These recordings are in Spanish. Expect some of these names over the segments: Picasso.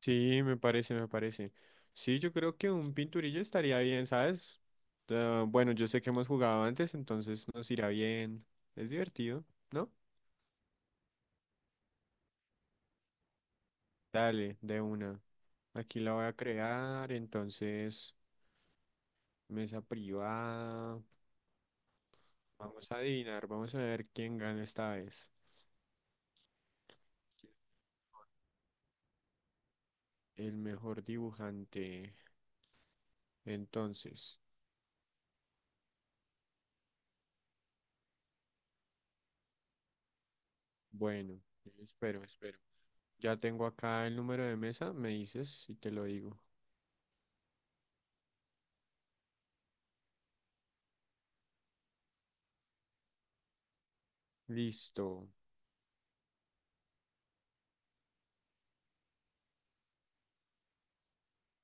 Sí, me parece, me parece. Sí, yo creo que un pinturillo estaría bien, ¿sabes? Ah, bueno, yo sé que hemos jugado antes, entonces nos irá bien. Es divertido, ¿no? Dale, de una. Aquí la voy a crear, entonces, mesa privada. Vamos a adivinar, vamos a ver quién gana esta vez. El mejor dibujante. Entonces, bueno, espero, espero. Ya tengo acá el número de mesa, me dices y te lo digo. Listo.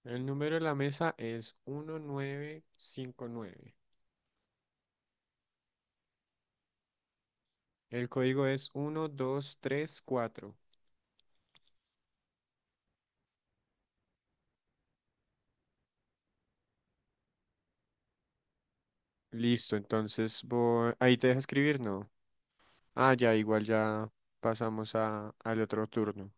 El número de la mesa es 1959. El código es 1234. Listo, entonces voy... ahí te deja escribir, ¿no? Ah, ya, igual ya pasamos a, al otro turno.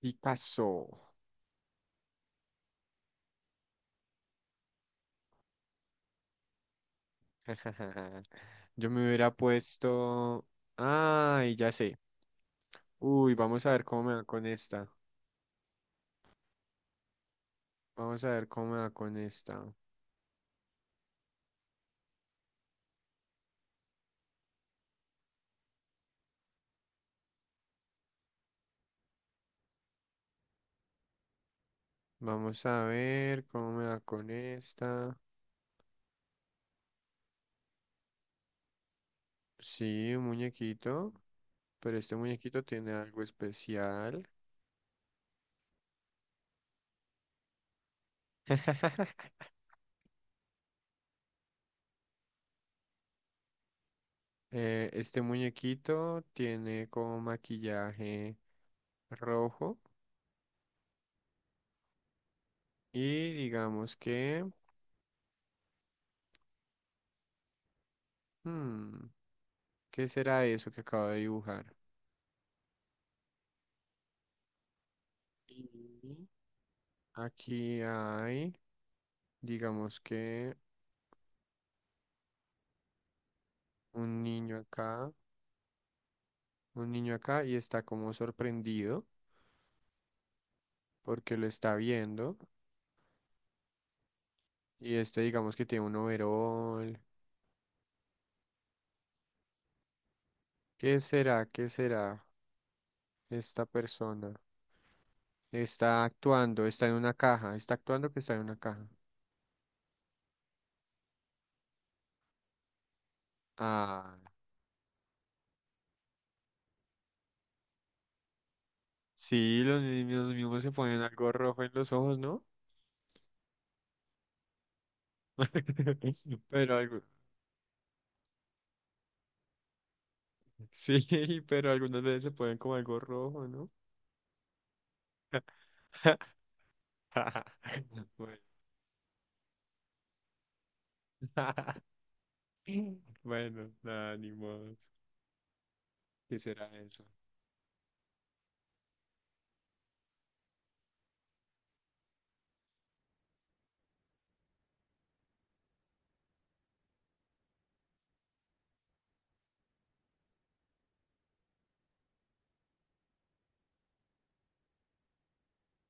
Picasso. Yo me hubiera puesto... Ay, ya sé. Uy, vamos a ver cómo me va con esta. Vamos a ver cómo me va con esta. Vamos a ver cómo me va con esta. Sí, un muñequito. Pero este muñequito tiene algo especial. Este muñequito tiene como maquillaje rojo y digamos que... hmm, ¿qué será eso que acabo de dibujar? Y aquí hay, digamos que un niño acá, un niño acá y está como sorprendido porque lo está viendo. Y este digamos que tiene un overol. ¿Qué será? ¿Qué será esta persona? Está actuando, está en una caja, está actuando que está en una caja. Ah, sí, los niños mismos se ponen algo rojo en los ojos, ¿no? Pero algo, sí, pero algunas veces se ponen como algo rojo, ¿no? Bueno, bueno, nada, ni modo. ¿Qué será eso?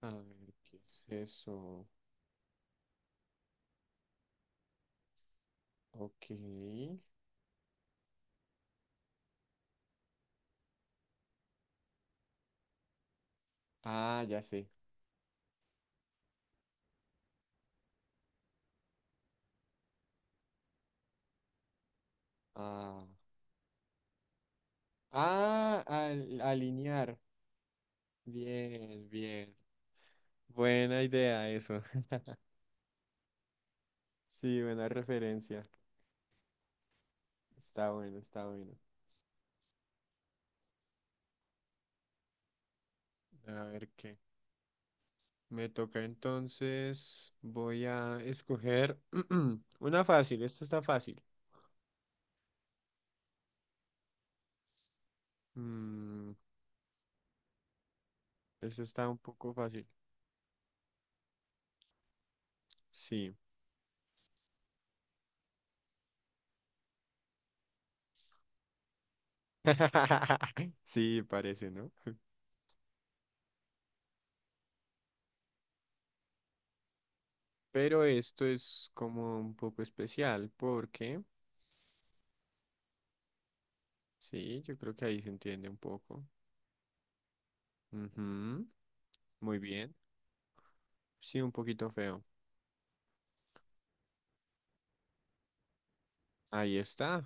A ver, ¿qué es eso? Ok. Ah, ya sé. Ah, ah, alinear. Bien, bien. Buena idea eso. Sí, buena referencia. Está bueno, está bueno. A ver qué. Me toca entonces. Voy a escoger una fácil. Esta está fácil. Mm, esta está un poco fácil. Sí. Sí, parece, ¿no? Pero esto es como un poco especial porque, sí, yo creo que ahí se entiende un poco. Ujú, muy bien. Sí, un poquito feo. Ahí está.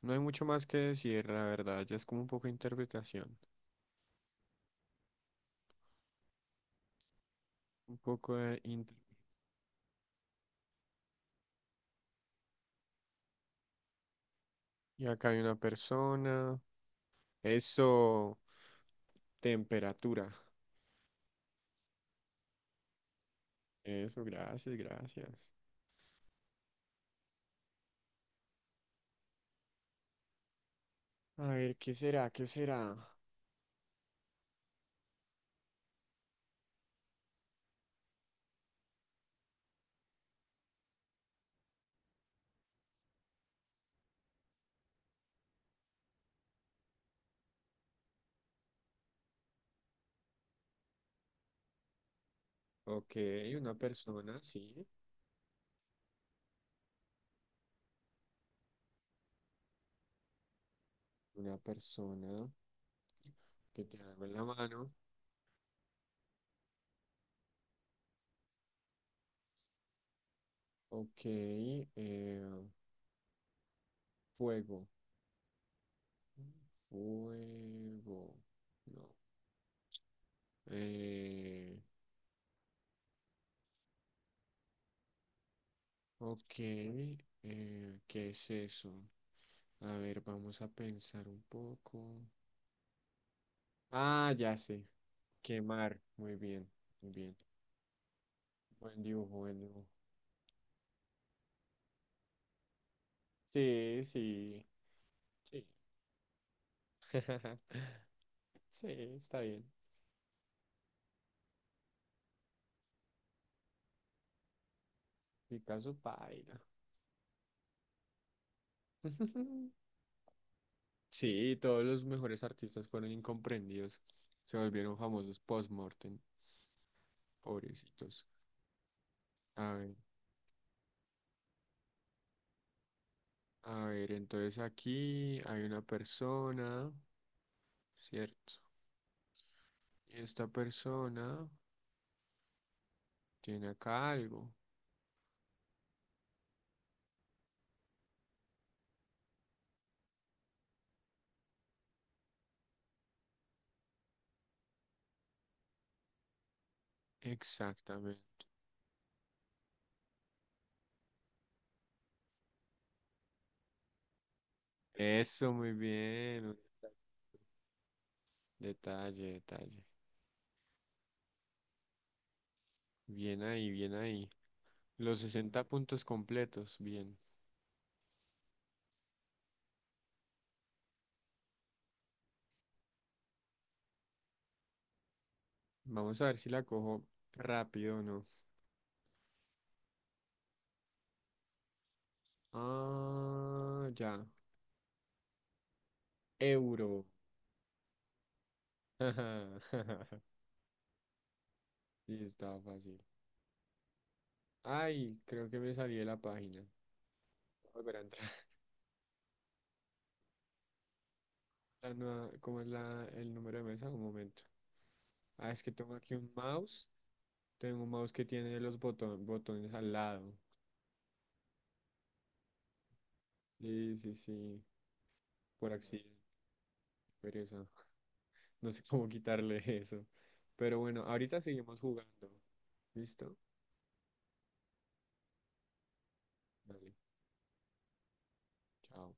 No hay mucho más que decir, la verdad, ya es como un poco de interpretación. Un poco de... Y acá hay una persona. Eso, temperatura. Eso, gracias, gracias. A ver, ¿qué será? ¿Qué será? Ok, una persona, sí. Una persona que te hago en la mano. Ok, fuego. Fuego. No. Eh, ok, ¿qué es eso? A ver, vamos a pensar un poco. Ah, ya sé, quemar. Muy bien, muy bien. Buen dibujo, buen dibujo. Sí, sí, sí. Sí, está bien. Picasso paila. Sí, todos los mejores artistas fueron incomprendidos. Se volvieron famosos post-mortem, pobrecitos. A ver, a ver, entonces aquí hay una persona, ¿cierto? Esta persona tiene acá algo. Exactamente. Eso, muy bien. Detalle, detalle. Bien ahí, bien ahí. Los 60 puntos completos, bien. Vamos a ver si la cojo rápido o no. Ah, ya. Euro. Sí, estaba fácil. Ay, creo que me salí de la página. Voy a volver a entrar. ¿Cómo es la, el número de mesa? Un momento. Ah, es que tengo aquí un mouse. Tengo un mouse que tiene los botones al lado. Sí, sí, sí. Por accidente. Pereza. No sé cómo quitarle eso. Pero bueno, ahorita seguimos jugando. ¿Listo? Dale. Chao.